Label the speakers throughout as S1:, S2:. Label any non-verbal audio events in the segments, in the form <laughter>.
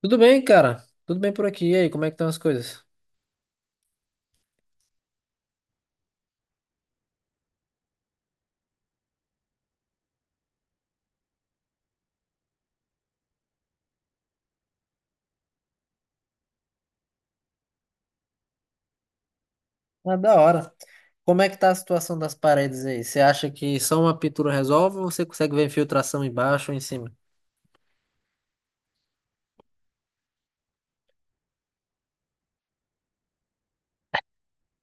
S1: Tudo bem, cara? Tudo bem por aqui. E aí, como é que estão as coisas? Ah, da hora. Como é que tá a situação das paredes aí? Você acha que só uma pintura resolve ou você consegue ver infiltração embaixo ou em cima? <laughs>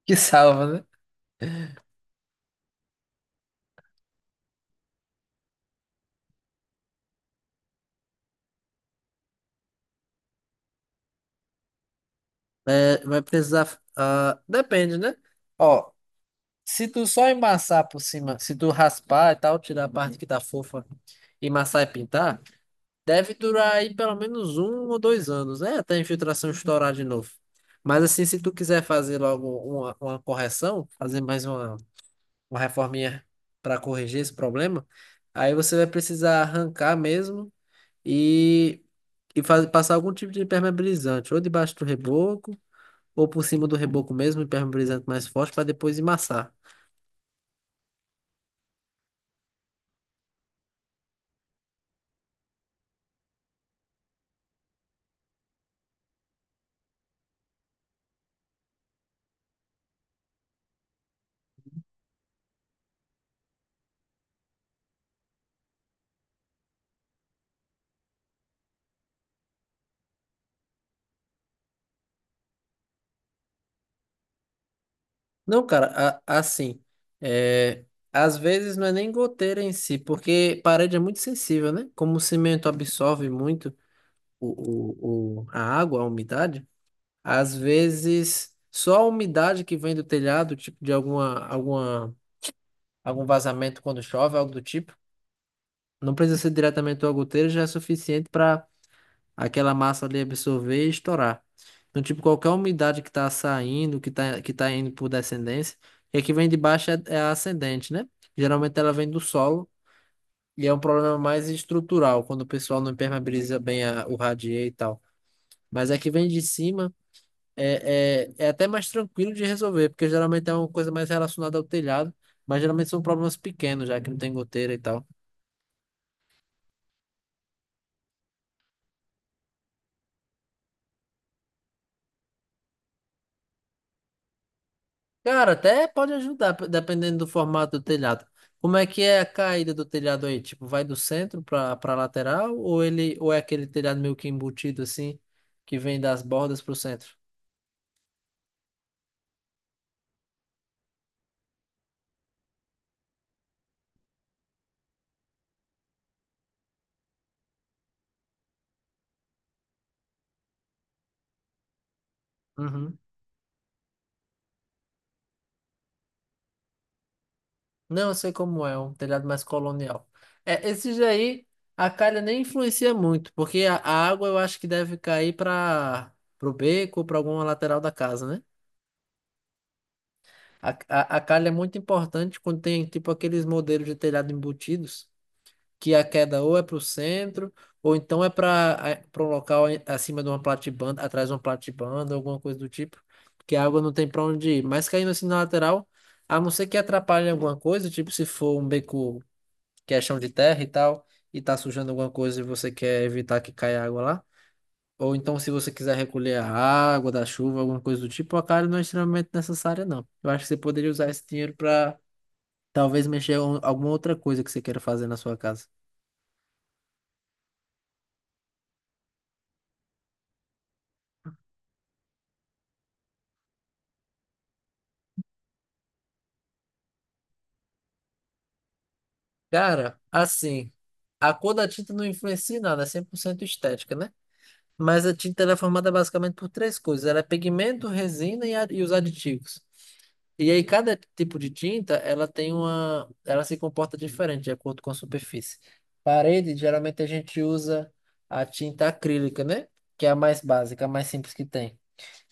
S1: Que salva, né? É, vai precisar. Depende, né? Ó, se tu só embaçar por cima, se tu raspar e tal, tirar a parte que tá fofa e amassar e pintar, deve durar aí pelo menos um ou dois anos, né? Até a infiltração estourar de novo. Mas assim, se tu quiser fazer logo uma correção, fazer mais uma. Uma reforminha para corrigir esse problema, aí você vai precisar arrancar mesmo e, e passar algum tipo de impermeabilizante, ou debaixo do reboco, ou por cima do reboco mesmo, impermeabilizante mais forte, para depois emassar. Não, cara, assim, é, às vezes não é nem goteira em si, porque parede é muito sensível, né? Como o cimento absorve muito a água, a umidade, às vezes só a umidade que vem do telhado, tipo de alguma algum vazamento quando chove, algo do tipo. Não precisa ser diretamente uma goteira, já é suficiente para aquela massa ali absorver e estourar. Então, tipo, qualquer umidade que está saindo, que tá indo por descendência, e a que vem de baixo é a ascendente, né? Geralmente ela vem do solo e é um problema mais estrutural, quando o pessoal não impermeabiliza bem o radier e tal. Mas a que vem de cima é até mais tranquilo de resolver, porque geralmente é uma coisa mais relacionada ao telhado, mas geralmente são problemas pequenos, já que não tem goteira e tal. Cara, até pode ajudar, dependendo do formato do telhado. Como é que é a caída do telhado aí? Tipo, vai do centro para lateral ou é aquele telhado meio que embutido assim, que vem das bordas pro centro? Uhum. Não, eu sei como é, um telhado mais colonial. É, esses aí a calha nem influencia muito, porque a água eu acho que deve cair para pro beco ou para alguma lateral da casa, né? A calha é muito importante quando tem tipo aqueles modelos de telhado embutidos, que a queda ou é para o centro, ou então é para um local acima de uma platibanda, atrás de uma platibanda, alguma coisa do tipo, que a água não tem para onde ir. Mas caindo assim na lateral, a não ser que atrapalhe alguma coisa, tipo se for um beco que é chão de terra e tal, e tá sujando alguma coisa e você quer evitar que caia água lá. Ou então, se você quiser recolher a água da chuva, alguma coisa do tipo, a cara não é extremamente necessária, não. Eu acho que você poderia usar esse dinheiro para talvez mexer em alguma outra coisa que você queira fazer na sua casa. Cara, assim, a cor da tinta não influencia em nada, é 100% estética, né? Mas a tinta ela é formada basicamente por três coisas: ela é pigmento, resina e os aditivos. E aí cada tipo de tinta, ela tem uma, ela se comporta diferente de acordo com a superfície. Parede, geralmente a gente usa a tinta acrílica, né? Que é a mais básica, a mais simples que tem.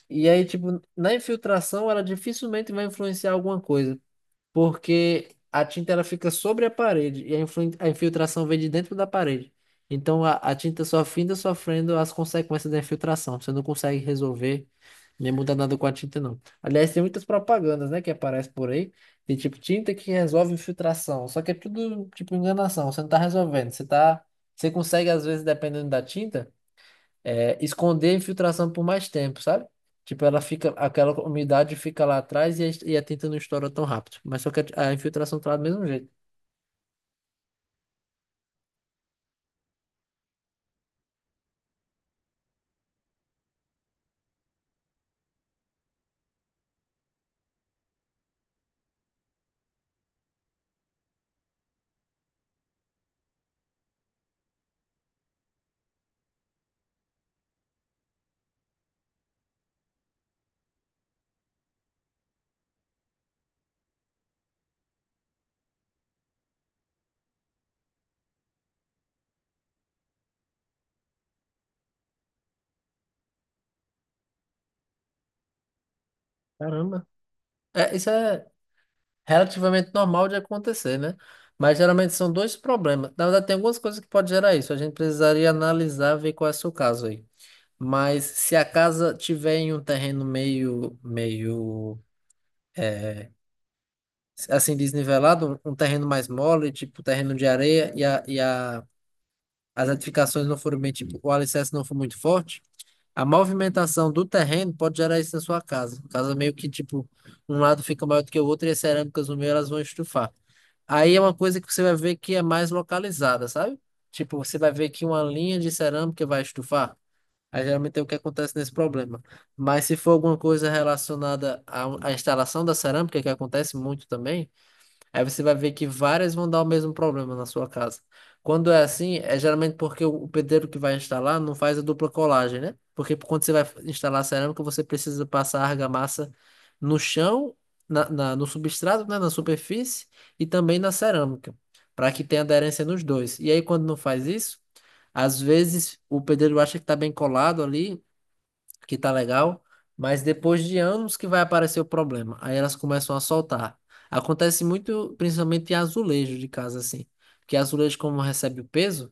S1: E aí, tipo, na infiltração, ela dificilmente vai influenciar alguma coisa porque a tinta ela fica sobre a parede e a a infiltração vem de dentro da parede. Então a tinta só finda sofrendo as consequências da infiltração. Você não consegue resolver nem mudar nada com a tinta, não. Aliás, tem muitas propagandas, né, que aparecem por aí. Tem tipo tinta que resolve infiltração. Só que é tudo tipo enganação. Você não tá resolvendo. Você consegue às vezes, dependendo da tinta esconder a infiltração por mais tempo, sabe? Tipo, ela fica, aquela umidade fica lá atrás e a tinta não estoura tão rápido. Mas só que a infiltração tá lá do mesmo jeito. Caramba. É, isso é relativamente normal de acontecer, né? Mas geralmente são dois problemas. Na verdade, tem algumas coisas que pode gerar isso. A gente precisaria analisar, ver qual é o seu caso aí. Mas se a casa tiver em um terreno meio é, assim desnivelado, um terreno mais mole, tipo terreno de areia e a as edificações não forem bem, tipo, o alicerce não for muito forte, a movimentação do terreno pode gerar isso na sua casa. Casa meio que, tipo, um lado fica maior do que o outro e as cerâmicas no meio elas vão estufar. Aí é uma coisa que você vai ver que é mais localizada, sabe? Tipo, você vai ver que uma linha de cerâmica vai estufar. Aí geralmente é o que acontece nesse problema. Mas se for alguma coisa relacionada à instalação da cerâmica, que acontece muito também, aí você vai ver que várias vão dar o mesmo problema na sua casa. Quando é assim, é geralmente porque o pedreiro que vai instalar não faz a dupla colagem, né? Porque quando você vai instalar cerâmica, você precisa passar a argamassa no chão, no substrato, né? Na superfície e também na cerâmica, para que tenha aderência nos dois. E aí, quando não faz isso, às vezes o pedreiro acha que está bem colado ali, que tá legal, mas depois de anos que vai aparecer o problema. Aí elas começam a soltar. Acontece muito, principalmente em azulejo de casa, assim. Porque azulejo, como recebe o peso,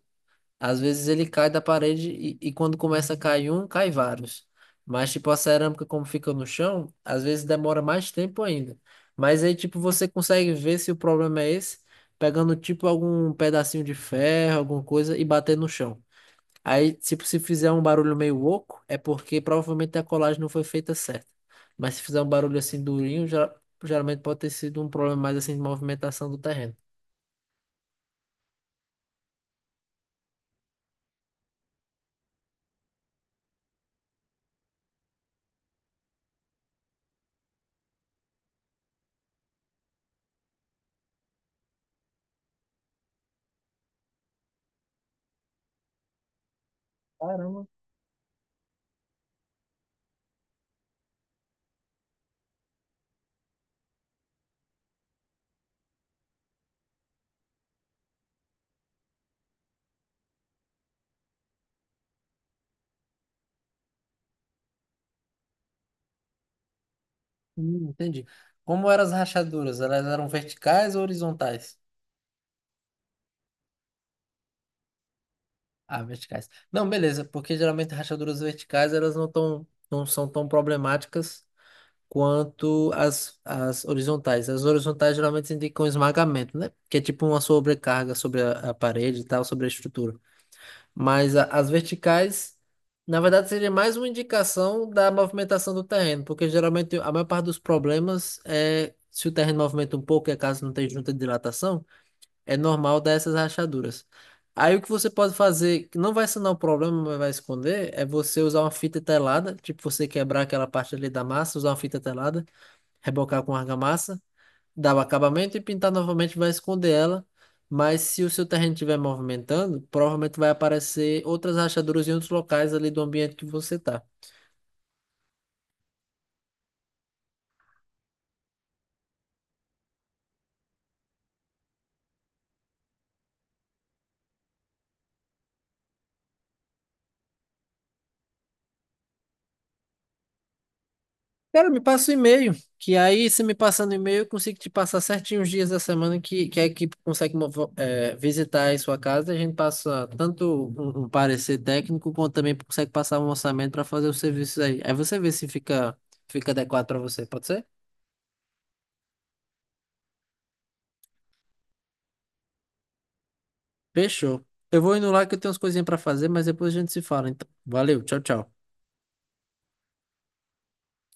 S1: às vezes ele cai da parede e quando começa a cair um, cai vários. Mas, tipo, a cerâmica, como fica no chão, às vezes demora mais tempo ainda. Mas aí, tipo, você consegue ver se o problema é esse, pegando, tipo, algum pedacinho de ferro, alguma coisa, e bater no chão. Aí, tipo, se fizer um barulho meio oco, é porque provavelmente a colagem não foi feita certa. Mas se fizer um barulho assim durinho, já, geralmente pode ter sido um problema mais assim de movimentação do terreno. Caramba. Entendi. Como eram as rachaduras? Elas eram verticais ou horizontais? Ah, verticais. Não, beleza, porque geralmente rachaduras verticais elas não são tão problemáticas quanto as horizontais. As horizontais geralmente indicam um esmagamento, né? Que é tipo uma sobrecarga sobre a parede e tal, sobre a estrutura. Mas as verticais, na verdade, seria mais uma indicação da movimentação do terreno, porque geralmente a maior parte dos problemas é se o terreno movimenta um pouco e a casa não tem junta de dilatação, é normal dar essas rachaduras. Aí o que você pode fazer, que não vai sanar o problema, mas vai esconder, é você usar uma fita telada, tipo você quebrar aquela parte ali da massa, usar uma fita telada, rebocar com argamassa dá o acabamento e pintar novamente vai esconder ela. Mas se o seu terreno estiver movimentando, provavelmente vai aparecer outras rachaduras em outros locais ali do ambiente que você tá. Cara, me passa o e-mail, que aí, se me passando o e-mail, eu consigo te passar certinho os dias da semana que a equipe consegue visitar aí sua casa e a gente passa tanto um parecer técnico, quanto também consegue passar um orçamento para fazer os serviços aí. Aí você vê se fica, Fica adequado para você, pode ser? Fechou. Eu vou indo lá que eu tenho umas coisinhas pra fazer, mas depois a gente se fala. Então, valeu, tchau, tchau.